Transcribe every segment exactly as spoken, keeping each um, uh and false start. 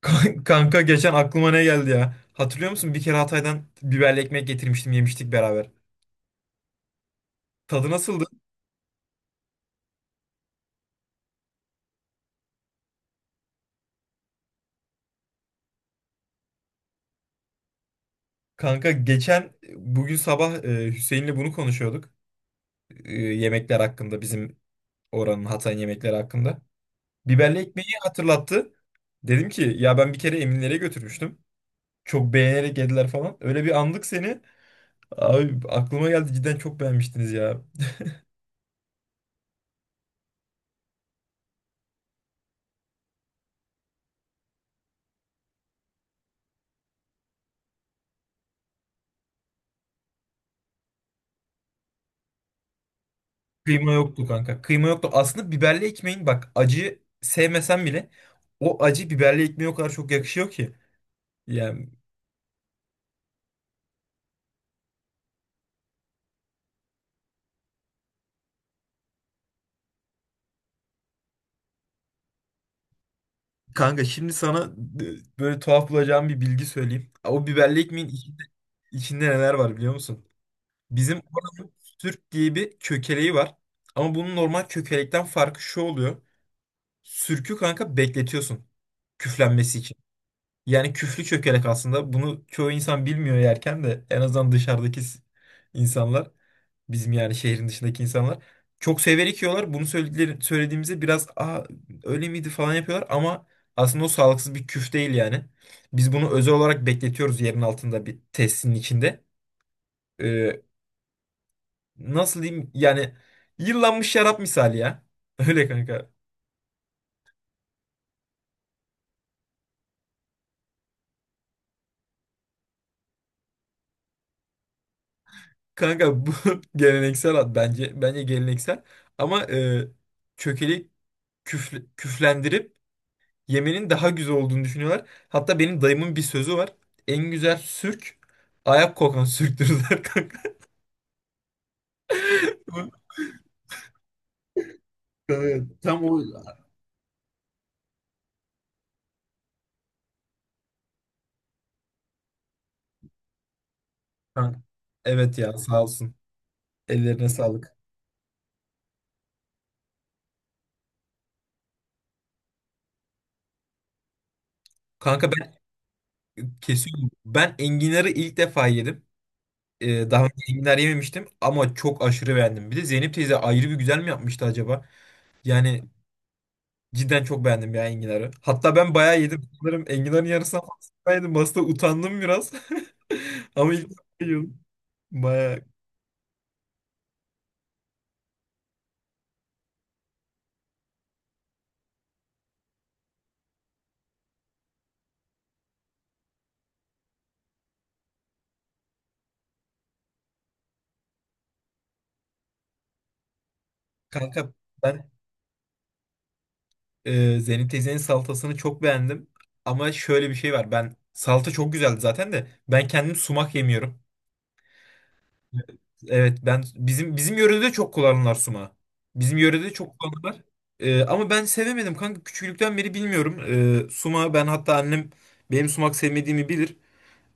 Kan- Kanka geçen aklıma ne geldi ya? Hatırlıyor musun? Bir kere Hatay'dan biberli ekmek getirmiştim, yemiştik beraber. Tadı nasıldı? Kanka geçen bugün sabah e, Hüseyin'le bunu konuşuyorduk. E, yemekler hakkında bizim oranın Hatay'ın yemekleri hakkında. Biberli ekmeği hatırlattı. Dedim ki ya ben bir kere Eminlere götürmüştüm. Çok beğenerek yediler falan. Öyle bir andık seni. Abi aklıma geldi cidden çok beğenmiştiniz ya. Kıyma yoktu kanka. Kıyma yoktu. Aslında biberli ekmeğin bak acı sevmesen bile o acı biberli ekmeğe o kadar çok yakışıyor ki. Yani kanka şimdi sana e, böyle tuhaf bulacağım bir bilgi söyleyeyim. O biberli ekmeğin içinde, içinde neler var biliyor musun? Bizim oranın sürk diye bir kökeleği var. Ama bunun normal kökelekten farkı şu oluyor. Sürkü kanka bekletiyorsun küflenmesi için. Yani küflü çökelek aslında. Bunu çoğu insan bilmiyor yerken de en azından dışarıdaki s- insanlar. Bizim yani şehrin dışındaki insanlar. Çok severek yiyorlar. Bunu söyledikleri, söylediğimizde biraz Aa, öyle miydi falan yapıyorlar ama aslında o sağlıksız bir küf değil yani. Biz bunu özel olarak bekletiyoruz yerin altında bir tesisinin içinde. Ee, nasıl diyeyim yani yıllanmış şarap misali ya. Öyle kanka. Kanka bu geleneksel ad bence. Bence geleneksel. Ama e, çökeli küfle- küflendirip yemenin daha güzel olduğunu düşünüyorlar. Hatta benim dayımın bir sözü var. En güzel sürk ayak kokan sürktürürler kanka. Evet, tam o. Kanka. Evet ya sağ olsun. Ellerine sağlık. Kanka ben kesiyorum. Ben enginarı ilk defa yedim. Ee, daha önce enginar yememiştim ama çok aşırı beğendim. Bir de Zeynep teyze ayrı bir güzel mi yapmıştı acaba? Yani cidden çok beğendim ya enginarı. Hatta ben bayağı yedim. Sanırım enginarın yarısından fazla yedim. Aslında utandım biraz. Ama ilk defa yiyordum. Bayağı. Kanka ben e, Zeynep teyzenin salatasını çok beğendim. Ama şöyle bir şey var. Ben salata çok güzeldi zaten de. Ben kendim sumak yemiyorum. Evet ben bizim bizim yörede çok kullanırlar sumağı. Bizim yörede çok kullanırlar. E, ama ben sevemedim kanka. Küçüklükten beri bilmiyorum. E, sumağı ben hatta annem benim sumak sevmediğimi bilir.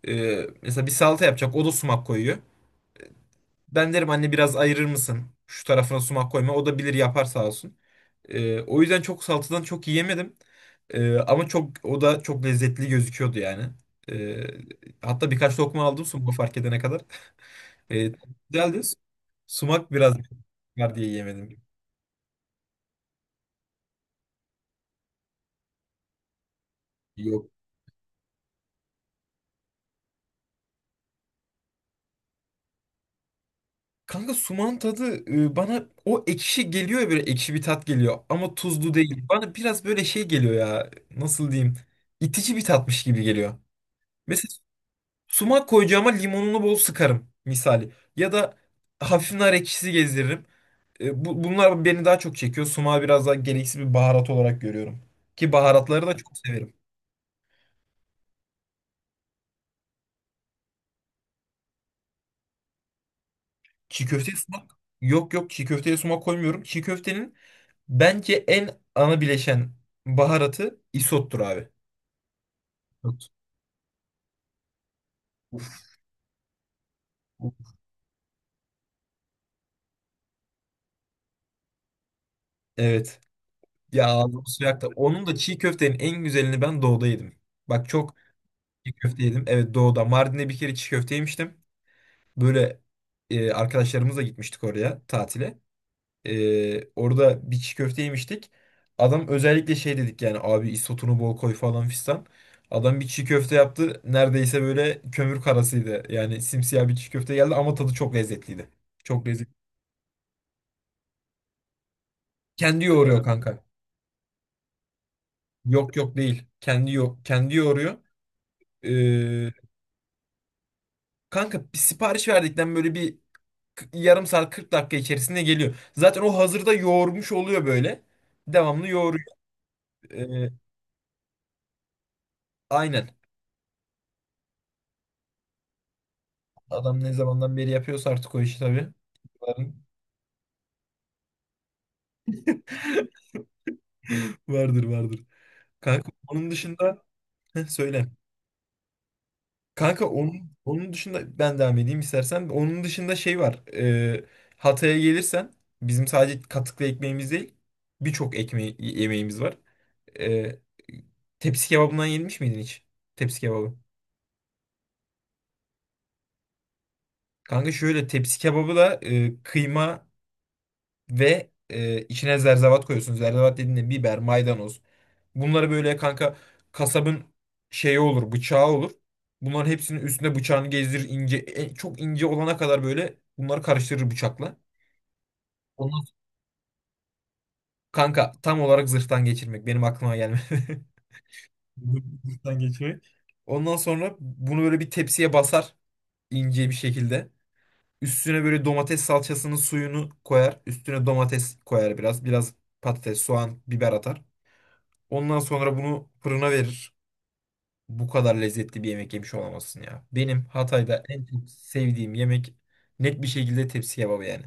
Ee, mesela bir salata yapacak. O da sumak koyuyor. Ben derim anne biraz ayırır mısın? Şu tarafına sumak koyma. O da bilir yapar sağ olsun. Ee, o yüzden çok salatadan çok yiyemedim. Ee, ama çok o da çok lezzetli gözüküyordu yani. Ee, hatta birkaç lokma aldım sumak fark edene kadar. Ee, güzeldi. Sumak biraz var diye yemedim. Yok kanka, sumağın tadı e, bana o ekşi geliyor ya böyle ekşi bir tat geliyor ama tuzlu değil. Bana biraz böyle şey geliyor ya nasıl diyeyim itici bir tatmış gibi geliyor. Mesela sumak koyacağıma limonunu bol sıkarım misali ya da hafif nar ekşisi gezdiririm. E, bu, bunlar beni daha çok çekiyor. Sumağı biraz daha gereksiz bir baharat olarak görüyorum. Ki baharatları da çok severim. Çiğ köfteye sumak yok, yok çiğ köfteye sumak koymuyorum. Çiğ köftenin bence en ana bileşen baharatı isottur abi. Uf, uf. Evet. Ya ağzım suyu aktı. Onun da çiğ köftenin en güzelini ben doğuda yedim. Bak çok çiğ köfte yedim. Evet doğuda. Mardin'de bir kere çiğ köfte yemiştim. Böyle e, arkadaşlarımızla gitmiştik oraya tatile. E, orada bir çiğ köfte yemiştik. Adam özellikle şey dedik yani abi isotunu bol koy falan fistan. Adam bir çiğ köfte yaptı. Neredeyse böyle kömür karasıydı. Yani simsiyah bir çiğ köfte geldi ama tadı çok lezzetliydi. Çok lezzetli. Kendi yoğuruyor kanka. Yok yok değil. Kendi yo kendi yoğuruyor. Ee, kanka bir sipariş verdikten böyle bir k- yarım saat kırk dakika içerisinde geliyor. Zaten o hazırda yoğurmuş oluyor böyle. Devamlı yoğuruyor. Ee, aynen. Adam ne zamandan beri yapıyorsa artık o işi tabii. Varın- Vardır vardır. Kanka onun dışında. Heh, söyle. Kanka onun onun dışında ben devam edeyim istersen. Onun dışında şey var. Ee, Hatay'a gelirsen bizim sadece katıklı ekmeğimiz değil birçok ekmeği yemeğimiz var. Ee, tepsi kebabından yenmiş miydin hiç? Tepsi kebabı. Kanka şöyle tepsi kebabı da e, kıyma ve e, içine zerzevat koyuyorsun. Zerzevat dediğinde biber, maydanoz. Bunları böyle kanka kasabın şeyi olur, bıçağı olur. Bunların hepsinin üstüne bıçağını gezdirir ince, e, çok ince olana kadar böyle bunları karıştırır bıçakla. Ondan sonra kanka tam olarak zırhtan geçirmek benim aklıma gelmedi. Zırhtan geçirmek. Ondan sonra bunu böyle bir tepsiye basar ince bir şekilde. Üstüne böyle domates salçasının suyunu koyar. Üstüne domates koyar biraz. Biraz patates, soğan, biber atar. Ondan sonra bunu fırına verir. Bu kadar lezzetli bir yemek yemiş olamazsın ya. Benim Hatay'da en çok sevdiğim yemek net bir şekilde tepsi kebabı yani.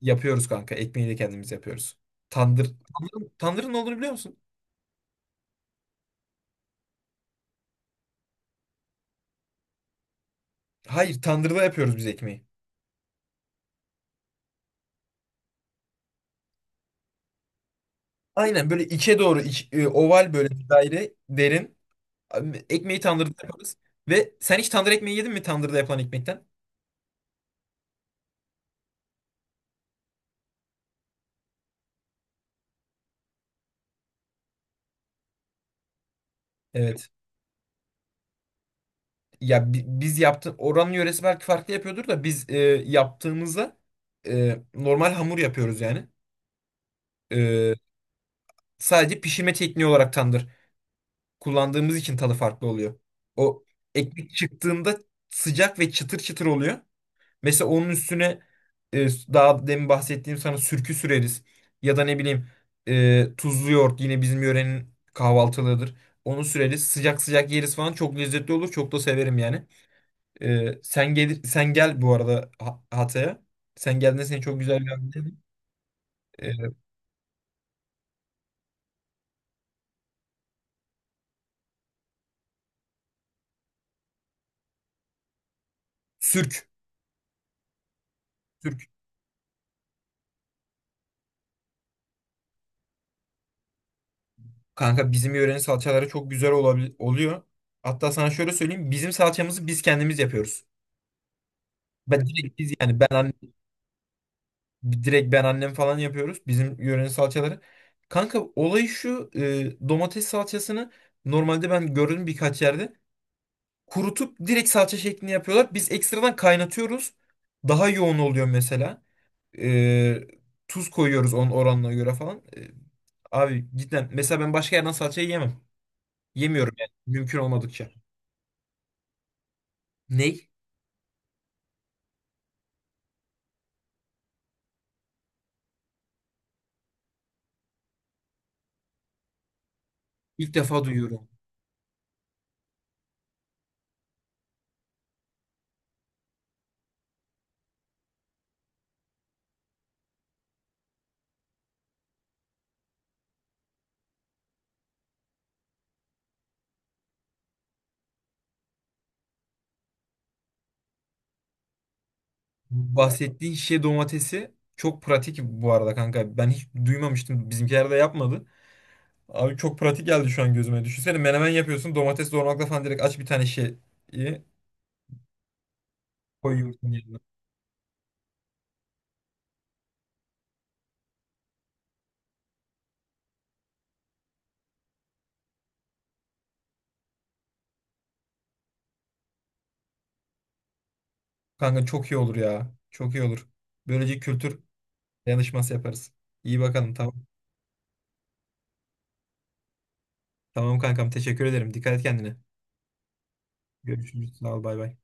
Yapıyoruz kanka. Ekmeği de kendimiz yapıyoruz. Tandır. Tandırın, tandırın ne olduğunu biliyor musun? Hayır, tandırda yapıyoruz biz ekmeği. Aynen böyle içe doğru iç- e, oval böyle bir daire derin. Abi, ekmeği tandırda yaparız. Ve sen hiç tandır ekmeği yedin mi tandırda yapılan ekmekten? Evet. Ya bi- biz yaptı oranın yöresi belki farklı yapıyordur da biz e, yaptığımızda e, normal hamur yapıyoruz yani. E, sadece pişirme tekniği olarak tandır kullandığımız için tadı farklı oluyor. O ekmek çıktığında sıcak ve çıtır çıtır oluyor. Mesela onun üstüne e, daha demin bahsettiğim sana sürkü süreriz. Ya da ne bileyim e, tuzlu yoğurt yine bizim yörenin kahvaltılığıdır. Onu süreriz. Sıcak sıcak yeriz falan. Çok lezzetli olur. Çok da severim yani. E, sen gel sen gel bu arada Ha- Hatay'a. Sen geldiğinde seni çok güzel gördüm. E, sürk. Sürk. Kanka bizim yörenin salçaları çok güzel olabil- oluyor. Hatta sana şöyle söyleyeyim. Bizim salçamızı biz kendimiz yapıyoruz. Ben direkt biz yani ben direkt ben annem falan yapıyoruz. Bizim yörenin salçaları. Kanka olay şu, e, domates salçasını normalde ben gördüm birkaç yerde. Kurutup direkt salça şeklinde yapıyorlar. Biz ekstradan kaynatıyoruz. Daha yoğun oluyor mesela. E, tuz koyuyoruz onun oranına göre falan. E, abi cidden mesela ben başka yerden salçayı yemem. Yemiyorum yani mümkün olmadıkça. Ney? İlk defa duyuyorum. Bahsettiğin şişe domatesi çok pratik bu arada kanka. Ben hiç duymamıştım. Bizimkiler de yapmadı. Abi çok pratik geldi şu an gözüme. Düşünsene menemen yapıyorsun. Domates doğramakla falan direkt aç bir tane şeyi koyuyorsun yanına. Kanka çok iyi olur ya. Çok iyi olur. Böylece kültür dayanışması yaparız. İyi bakalım tamam. Tamam kankam teşekkür ederim. Dikkat et kendine. Görüşürüz. Sağ ol bay bay.